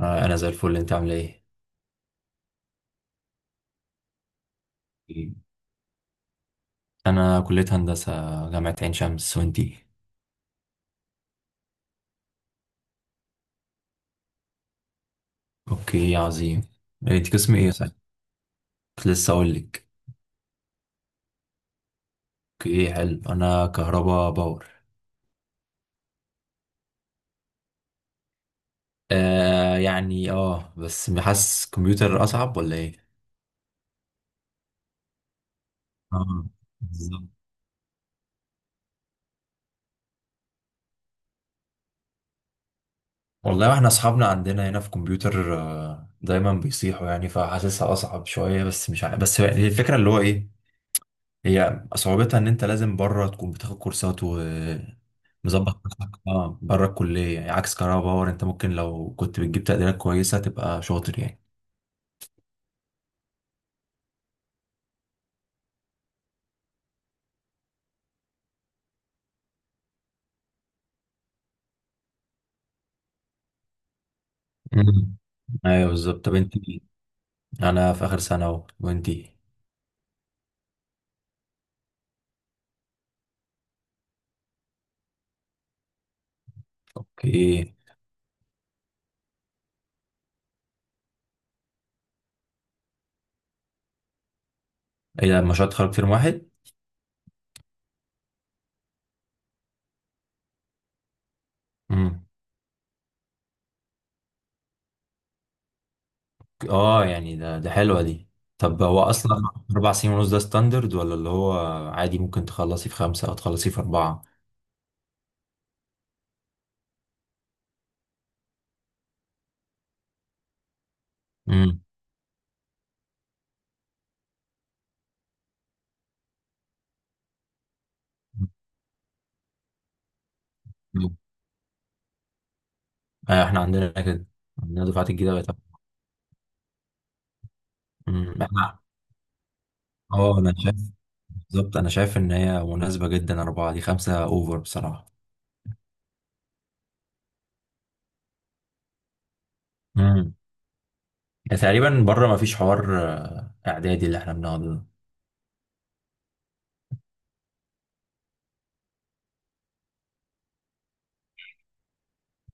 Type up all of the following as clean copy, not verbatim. انا زي الفل، انت عامل ايه؟ انا كليه هندسه، جامعه عين شمس، وانتي؟ اوكي عظيم. انت قسم ايه؟ صح، كنت لسه اقول لك. اوكي حلو، انا كهربا باور. يعني بس حاسس كمبيوتر اصعب ولا ايه؟ اه بالظبط. والله، واحنا اصحابنا عندنا هنا في كمبيوتر، دايما بيصيحوا يعني، فحاسسها اصعب شويه. بس مش عارف، بس هي الفكره اللي هو ايه، هي صعوبتها ان انت لازم بره تكون بتاخد كورسات مظبط نفسك، اه، بره الكلية يعني. عكس كهرباء باور، انت ممكن لو كنت بتجيب تقديرات كويسة تبقى شاطر يعني. مم. ايوه بالظبط. طب انت، انا في اخر سنة اهو، وانتي؟ اوكي. ايه ده، مشروع تخرج ترم واحد؟ امم، اه يعني ده حلوة دي. طب هو اصلا اربع سنين ونص ده ستاندرد، ولا اللي هو عادي ممكن تخلصي في خمسة او تخلصي في اربعة؟ امم، ايوه احنا عندنا كده، عندنا دفعات الجديدة بقت. احنا اه انا شايف بالظبط، انا شايف ان هي مناسبة جدا اربعة دي، خمسة اوفر بصراحة. امم، تقريبا بره ما فيش حوار، اعدادي اللي احنا بنقعده ده.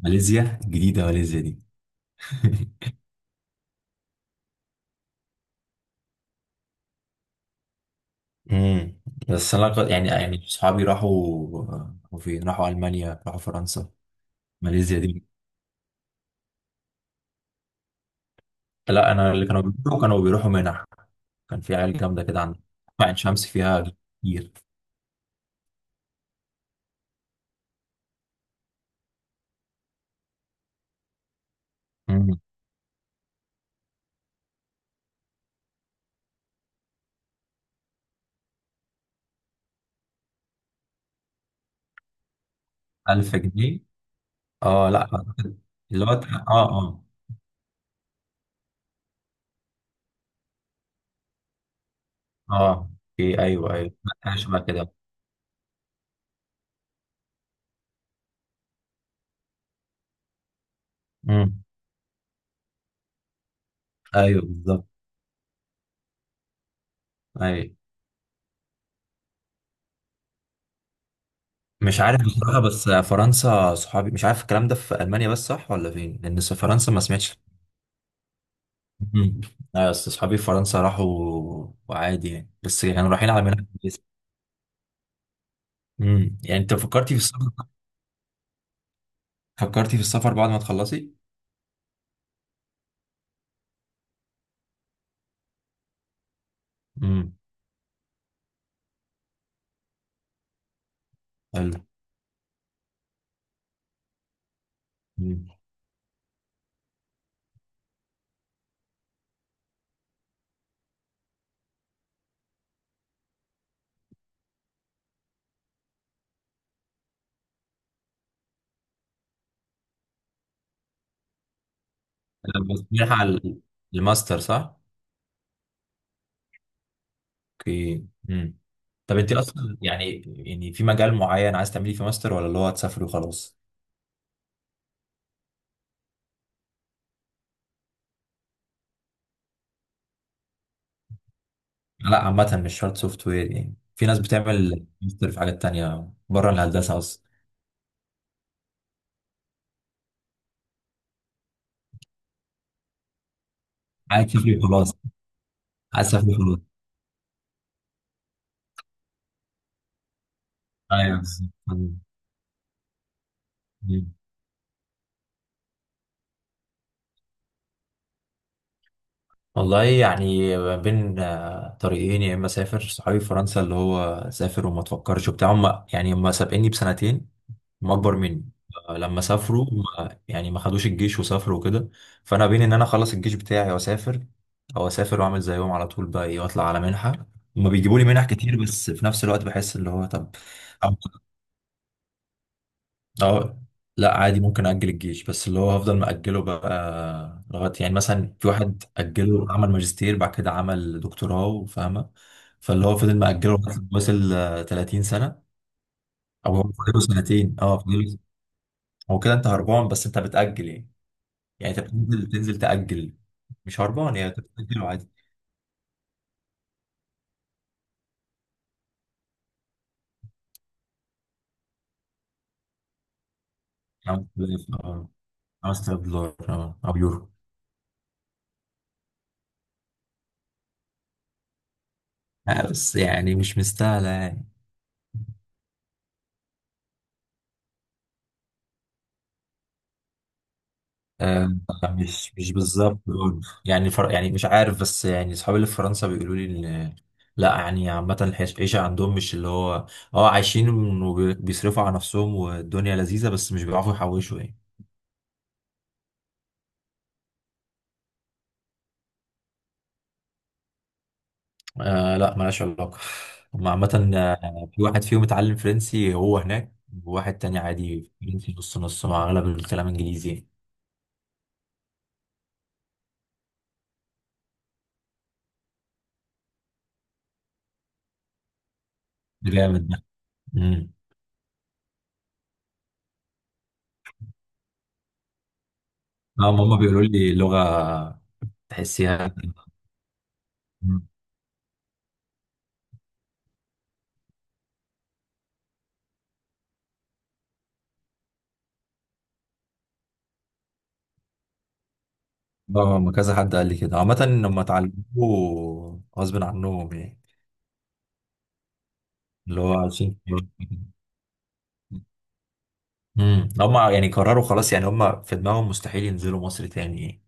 ماليزيا جديدة، ماليزيا دي. امم، بس يعني صحابي راحوا، راحوا فين؟ راحوا المانيا، راحوا فرنسا. ماليزيا دي لا، انا اللي كانوا بيروحوا كانوا بيروحوا منح. كان في عيال جامده كده عندنا، عين شمس فيها كتير. امم، 1000 جنيه. اه لا، اللي هو اه، اه. اه اوكي، ايوه ايوه، اشبه كده. مم. ايوه بالظبط. ايوه مش عارف بصراحه، بس فرنسا صحابي، مش عارف الكلام ده في المانيا بس صح ولا فين، لان في فرنسا ما سمعتش. مم. ايوه، بس صحابي في فرنسا راحوا وعادي يعني، بس كانوا رايحين على منها كويسه. امم، يعني انت فكرتي في السفر، فكرتي في السفر بعد ما تخلصي؟ امم، حلو. مم. أنا بس رايحة على الماستر صح؟ اوكي امم. طب انت اصلا يعني، يعني في مجال معين عايز تعملي فيه ماستر، ولا اللي هو هتسافري وخلاص؟ لا عامة، مش شرط سوفت وير يعني، في ناس بتعمل ماستر في حاجات تانية بره الهندسة أصلا. عايز تسافر خلاص. عايز تسافر خلاص. ايوه بالظبط. والله يعني ما بين طريقين، يا اما اسافر، صحابي في فرنسا اللي هو سافر وما تفكرش وبتاع، هم يعني هم سابقيني بسنتين، هم اكبر مني. لما سافروا ما خدوش الجيش وسافروا وكده. فانا بين ان انا اخلص الجيش بتاعي واسافر، او اسافر واعمل زيهم على طول بقى ايه واطلع على منحه، هما بيجيبوا لي منح كتير. بس في نفس الوقت بحس اللي هو طب، أو- أو- لا عادي، ممكن اجل الجيش، بس اللي هو هفضل مأجله بقى لغايه، يعني مثلا في واحد اجله، عمل ماجستير، بعد كده عمل دكتوراه، فاهمه؟ فاللي هو فضل مأجله لغاية ما وصل 30 سنه، او هو فاضله سنتين، اه فاضله. هو كده انت هربان، بس انت بتأجل يعني، يعني انت بتنزل تأجل، مش هربان يعني، انت بتأجل عادي. 5000، اه، 5000 دولار اه، او يورو. بس يعني مش مستاهلة يعني. آه، مش بالظبط دول. يعني يعني مش عارف، بس يعني اصحابي اللي في فرنسا بيقولوا لي ان لا يعني، عامة العيشة عندهم مش اللي هو، اه عايشين وبيصرفوا على نفسهم والدنيا لذيذة، بس مش بيعرفوا يحوشوا يعني. آه لا، ملهاش علاقة. هما عامة، في واحد فيهم اتعلم فرنسي هو هناك، وواحد تاني عادي فرنسي نص نص، مع أغلب الكلام إنجليزي يعني. ده جامد ده. امم، اه هما بيقولوا لي لغة تحسيها. مم. اه، ما كذا حد قال لي كده عامة، لما اتعلموه غصب عنهم يعني، اللي هو عايشين. امم، هما يعني قرروا خلاص يعني، هما في دماغهم مستحيل ينزلوا مصر تاني يعني.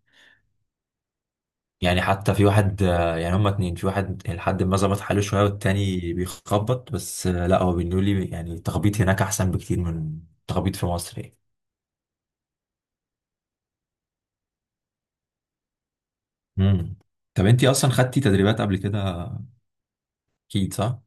يعني حتى في واحد، يعني هما اتنين، في واحد لحد ما ظبط حاله شوية، والتاني بيخبط، بس لا هو بيقول لي يعني التخبيط هناك أحسن بكتير من التخبيط في مصر يعني. امم، طب انتي أصلا خدتي تدريبات قبل كده، أكيد صح؟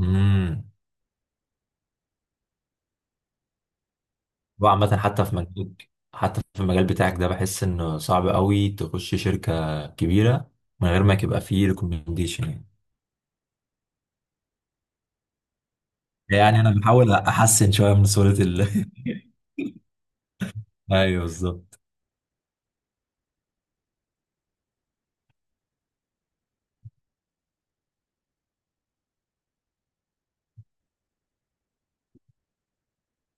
امم، وعامة حتى في مجال حتى في المجال بتاعك ده بحس إنه صعب قوي تخش شركة كبيرة من غير ما يبقى فيه ريكومنديشن يعني. يعني أنا بحاول أحسن شوية من صورة ال. أيوه بالظبط.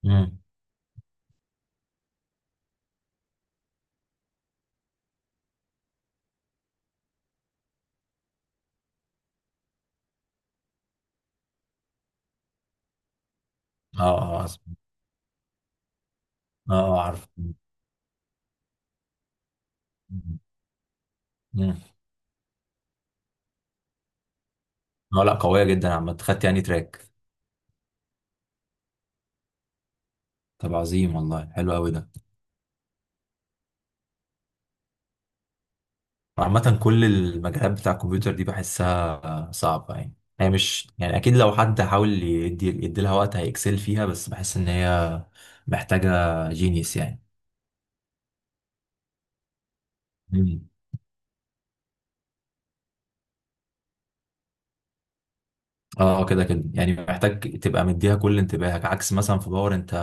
امم، اه، اه، اه، عارف. مم. اه لا، قوية جدا عامة، خدت يعني تراك. طب عظيم، والله حلو قوي ده. عامة كل المجالات بتاع الكمبيوتر دي بحسها صعبة يعني، هي مش يعني أكيد لو حد حاول يدي لها وقت هيكسل فيها، بس بحس إن هي محتاجة جينيس يعني. مم. اه كده كده يعني، محتاج تبقى مديها كل انتباهك، عكس مثلا في باور، انت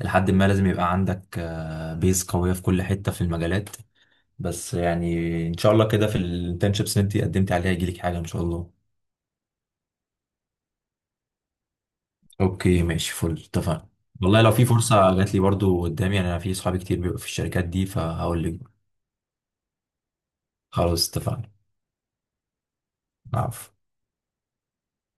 لحد ما لازم يبقى عندك، بيز قوية في كل حتة في المجالات. بس يعني، ان شاء الله كده في الانترنشيبس اللي انت قدمتي عليها يجيلك حاجة ان شاء الله. اوكي ماشي فل، اتفقنا. والله لو في فرصة جات لي برضو قدامي يعني، انا في صحابي كتير بيبقوا في الشركات دي فهقول لك. خلاص اتفقنا. عفو.